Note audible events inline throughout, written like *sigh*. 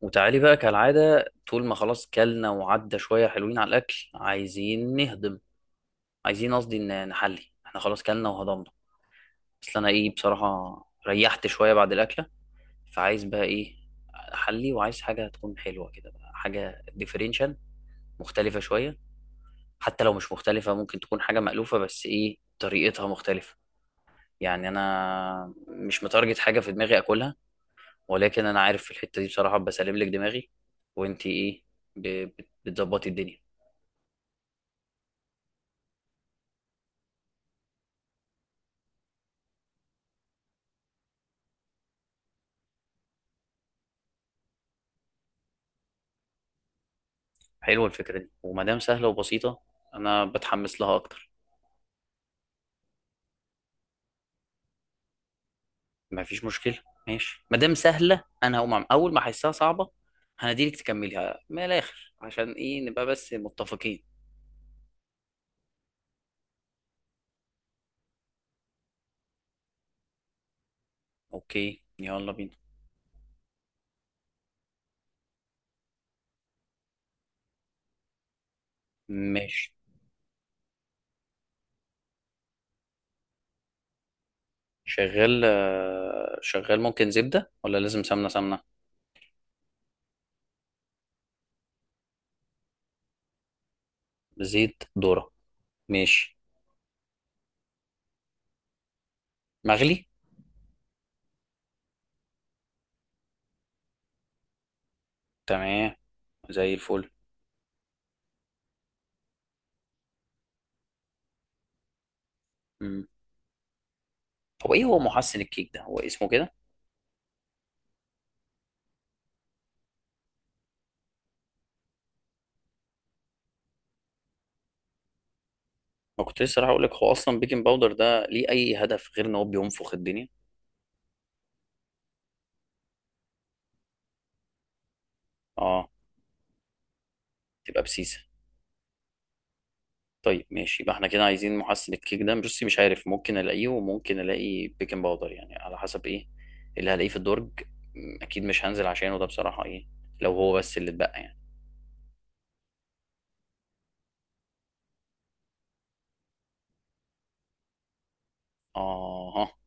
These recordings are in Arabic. وتعالي بقى كالعادة، طول ما خلاص كلنا وعدى شوية حلوين على الأكل، عايزين نهضم. عايزين، قصدي نحلي، احنا خلاص كلنا وهضمنا. بس أنا إيه بصراحة؟ ريحت شوية بعد الأكلة، فعايز بقى إيه؟ أحلي، وعايز حاجة تكون حلوة كده، بقى حاجة ديفرنشال، مختلفة شوية. حتى لو مش مختلفة، ممكن تكون حاجة مألوفة بس إيه طريقتها مختلفة. يعني أنا مش متارجت حاجة في دماغي أكلها، ولكن أنا عارف في الحتة دي بصراحة بسلم لك دماغي. وإنتي إيه؟ بتظبطي الدنيا. حلوة الفكرة دي، وما دام سهلة وبسيطة أنا بتحمس لها أكتر. ما فيش مشكلة. ماشي، ما دام سهلة أنا هقوم، عم أول ما أحسها صعبة هنديلك تكمليها من الآخر، عشان إيه؟ نبقى بس متفقين. أوكي، يلا بينا. ماشي. شغال، آه، شغال، ممكن زبدة ولا لازم سمنة سمنة؟ زيت ذرة، ماشي. مغلي؟ تمام، زي الفل. مم. هو إيه، هو محسن الكيك ده، هو اسمه كده؟ ما كنت لسه راح أقول لك، هو أصلا بيكنج باودر ده ليه أي هدف غير إن هو بينفخ الدنيا؟ اه، تبقى بسيسه. طيب ماشي، يبقى احنا كده عايزين محسن الكيك ده، بصي مش عارف، ممكن الاقيه وممكن الاقي بيكنج باودر، يعني على حسب ايه اللي هلاقيه في الدرج. اكيد مش هنزل عشانه ده بصراحه، ايه لو هو بس اللي اتبقى يعني. اه،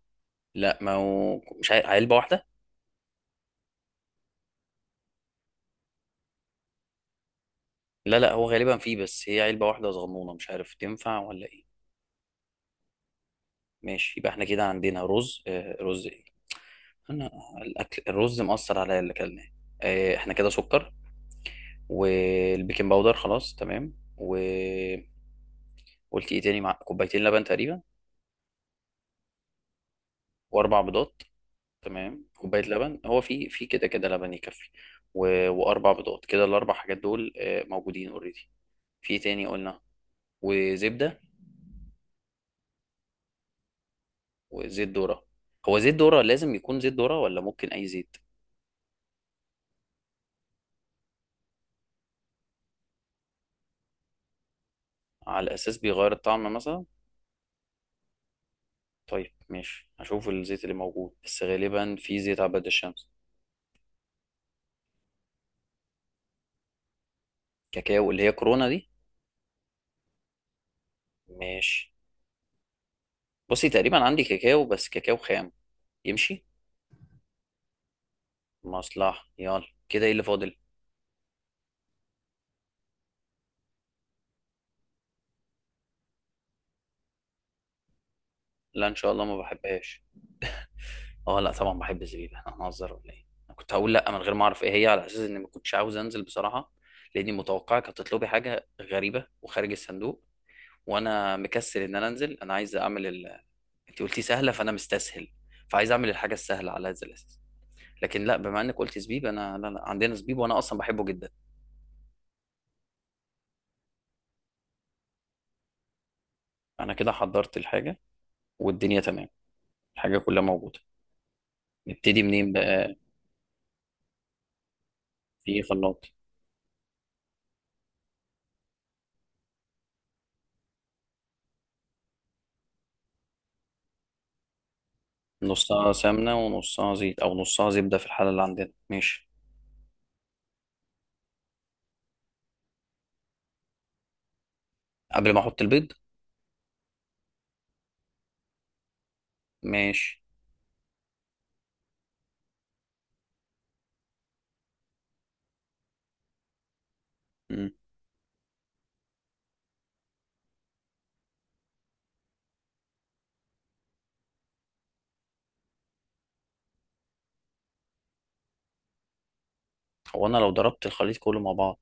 لا ما هو مش عارف، علبه واحده؟ لا لا، هو غالبا فيه بس هي علبه واحده صغنونه، مش عارف تنفع ولا ايه. ماشي، يبقى احنا كده عندنا رز، آه، رز ايه؟ انا، الاكل الرز مأثر عليا اللي اكلناه. آه، احنا كده سكر والبيكنج باودر، خلاص تمام. قلت ايه تاني، مع كوبايتين لبن تقريبا؟ واربع بيضات. تمام، كوبايه لبن، هو في كده كده لبن يكفي. واربع بيضات، كده الاربع حاجات دول موجودين اوريدي. في إيه تاني قلنا؟ وزبده. وزيت ذره. هو زيت ذره لازم يكون زيت ذره ولا ممكن اي زيت؟ على اساس بيغير الطعم مثلا؟ طيب ماشي، هشوف الزيت اللي موجود، بس غالبا في زيت عباد الشمس. كاكاو اللي هي كورونا دي؟ ماشي. بصي، تقريبا عندي كاكاو بس كاكاو خام، يمشي؟ مصلحة. يلا كده ايه اللي فاضل؟ لا ان شاء الله، ما بحبهاش. اه لا، طبعا بحب زبيب، احنا هنهزر ولا ايه؟ انا كنت هقول لا من غير ما اعرف ايه هي، على اساس اني ما كنتش عاوز انزل بصراحه، لاني متوقعك هتطلبي حاجه غريبه وخارج الصندوق، وانا مكسل ان انا انزل. انا عايز اعمل ال... انت قلتي سهله فانا مستسهل، فعايز اعمل الحاجه السهله على هذا الاساس. لكن لا، بما انك قلت زبيب انا، لا لا، عندنا زبيب وانا اصلا بحبه جدا. انا كده حضرت الحاجه والدنيا تمام، الحاجه كلها موجوده. نبتدي منين بقى؟ في خلاط. نصها سمنة ونصها زيت، أو نصها زبدة في الحالة اللي عندنا، ماشي. قبل ما أحط البيض؟ ماشي. مم. هو أنا لو ضربت الخليط كله مع بعض،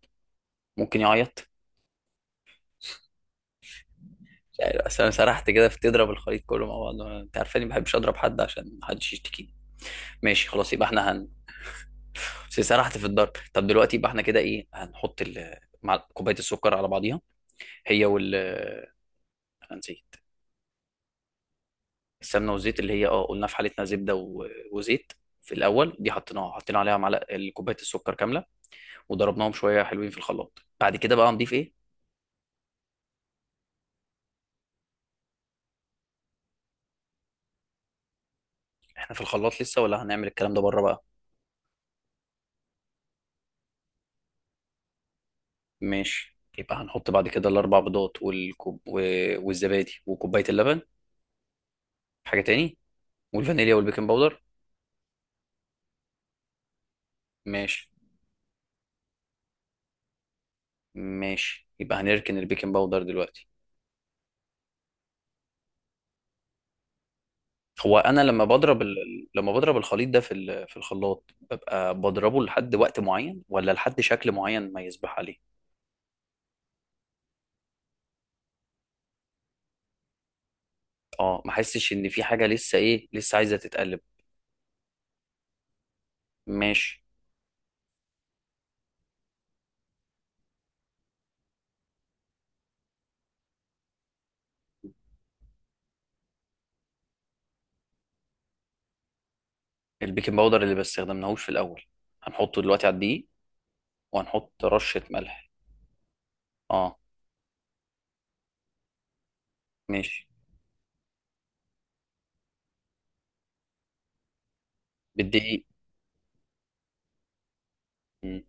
ممكن يعيط؟ *laughs* مش عارف، أصل أنا سرحت كده في تضرب الخليط كله مع بعض. أنت عارفاني ما بحبش أضرب حد عشان محدش يشتكيني. ماشي خلاص، يبقى إحنا *laughs* بس سرحت في الضرب. طب دلوقتي يبقى إحنا كده إيه، هنحط مع كوباية السكر على بعضيها، هي أنا نسيت. السمنة والزيت، اللي هي قلنا في حالتنا زبدة وزيت، في الأول. دي حطينا عليها معلقة كوباية السكر كاملة وضربناهم شويه حلوين في الخلاط. بعد كده بقى هنضيف ايه؟ احنا في الخلاط لسه ولا هنعمل الكلام ده بره بقى؟ ماشي، يبقى هنحط بعد كده الاربع بيضات والكوب والزبادي وكوبايه اللبن. حاجه تاني؟ والفانيليا والبيكنج باودر. ماشي. ماشي، يبقى هنركن البيكنج باودر دلوقتي. هو انا لما بضرب لما بضرب الخليط ده في في الخلاط، ببقى بضربه لحد وقت معين ولا لحد شكل معين ما يصبح عليه؟ اه، ما احسش ان في حاجه لسه، ايه لسه عايزه تتقلب. ماشي. البيكنج باودر اللي ما استخدمناهوش في الاول، هنحطه دلوقتي على الدقيق وهنحط رشه ملح. اه. ماشي. بالدقيق. مم.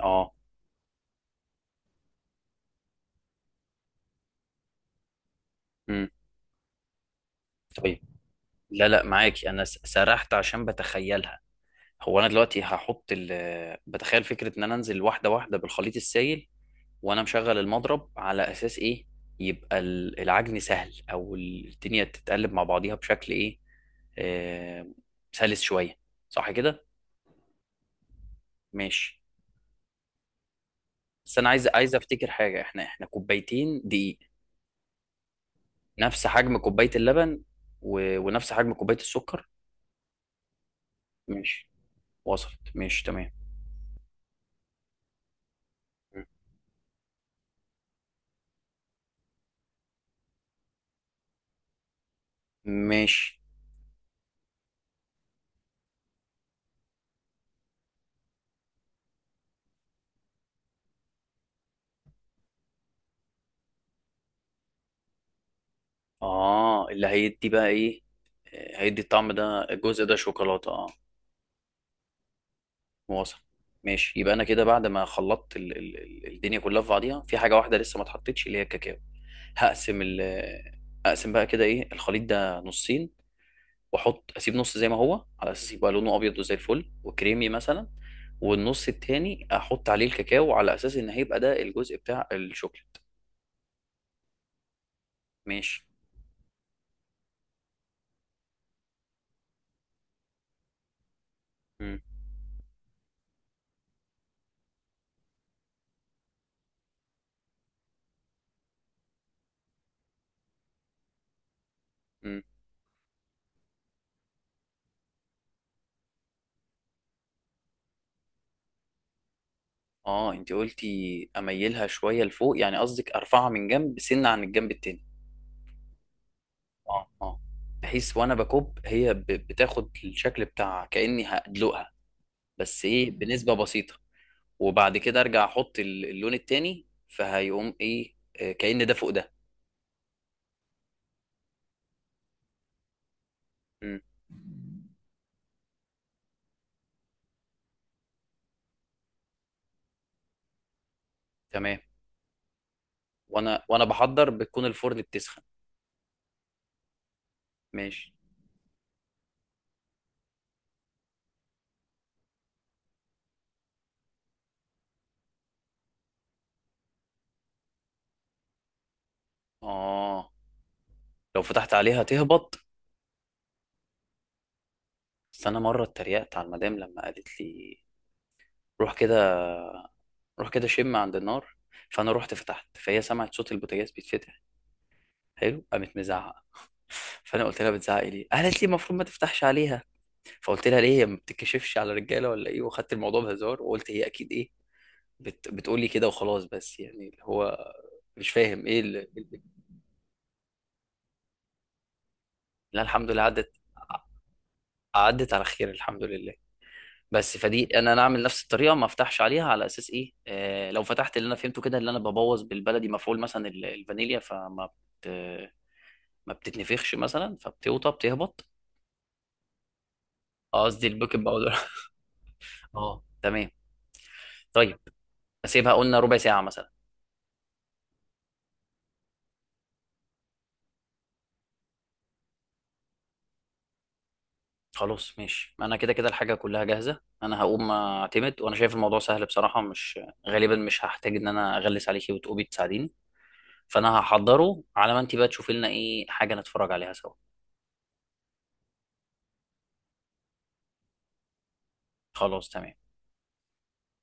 اه. مم. طيب. لا لا، معاكي، انا سرحت عشان بتخيلها. هو انا دلوقتي هحط بتخيل فكره ان انا انزل واحده واحده بالخليط السائل وانا مشغل المضرب، على اساس ايه؟ يبقى العجن سهل، او الدنيا تتقلب مع بعضيها بشكل ايه؟ آه، سلس شويه، صح كده؟ ماشي. بس انا عايز، افتكر حاجه، احنا كوبايتين دقيق، نفس حجم كوبايه اللبن ونفس حجم كوبايه السكر. ماشي، وصلت ماشي تمام. ماشي. اه، اللي هيدي بقى ايه؟ آه، هيدي الطعم ده، الجزء ده شوكولاته، اه. وصل. ماشي، يبقى انا كده بعد ما خلطت الدنيا كلها في بعضيها، في حاجه واحده لسه ما اتحطتش، اللي هي الكاكاو. هقسم ال... اقسم بقى كده ايه، الخليط ده نصين، اسيب نص زي ما هو على اساس يبقى لونه ابيض وزي الفل وكريمي مثلا، والنص التاني احط عليه الكاكاو على اساس ان هيبقى ده الجزء بتاع الشوكليت. ماشي. مم. مم. اه، انت قلتي اميلها شويه لفوق، يعني قصدك ارفعها من جنب سنه عن الجنب التاني. اه اه. بحيث وانا بكب هي بتاخد الشكل بتاعها كاني هدلقها، بس ايه بنسبه بسيطه. وبعد كده ارجع احط اللون التاني، فهيقوم ايه؟ آه، كأن ده فوق ده. مم. تمام. وانا بحضر بتكون الفرن بتسخن. ماشي. اه، لو فتحت عليها تهبط. بس انا مره اتريقت على المدام لما قالت لي روح كده، روح كده شم عند النار. فانا رحت فتحت فهي سمعت صوت البوتاجاز بيتفتح. حلو، قامت مزعقه. *laughs* فانا قلت لها بتزعقي ليه، قالت لي المفروض ما تفتحش عليها. فقلت لها ليه، هي ما بتتكشفش على رجاله ولا ايه، واخدت الموضوع بهزار وقلت هي اكيد ايه، بتقول لي كده وخلاص، بس يعني اللي هو مش فاهم ايه لا الحمد لله عدت، عدت على خير الحمد لله. بس فدي انا، اعمل نفس الطريقه ما افتحش عليها على اساس ايه؟ آه، لو فتحت، اللي انا فهمته كده اللي انا ببوظ بالبلدي مفعول مثلا الفانيليا، بت... ما بتتنفخش مثلا، فبتوطى، بتهبط. آه، قصدي البيكنج باودر. *laughs* اه تمام. طيب. اسيبها قلنا ربع ساعه مثلا. خلاص ماشي، ما انا كده كده الحاجه كلها جاهزه، انا هقوم اعتمد وانا شايف الموضوع سهل بصراحه، مش غالبا مش هحتاج ان انا اغلس عليكي وتقومي تساعديني، فانا هحضره على ما انت بقى تشوفي لنا ايه حاجه نتفرج عليها سوا. خلاص تمام.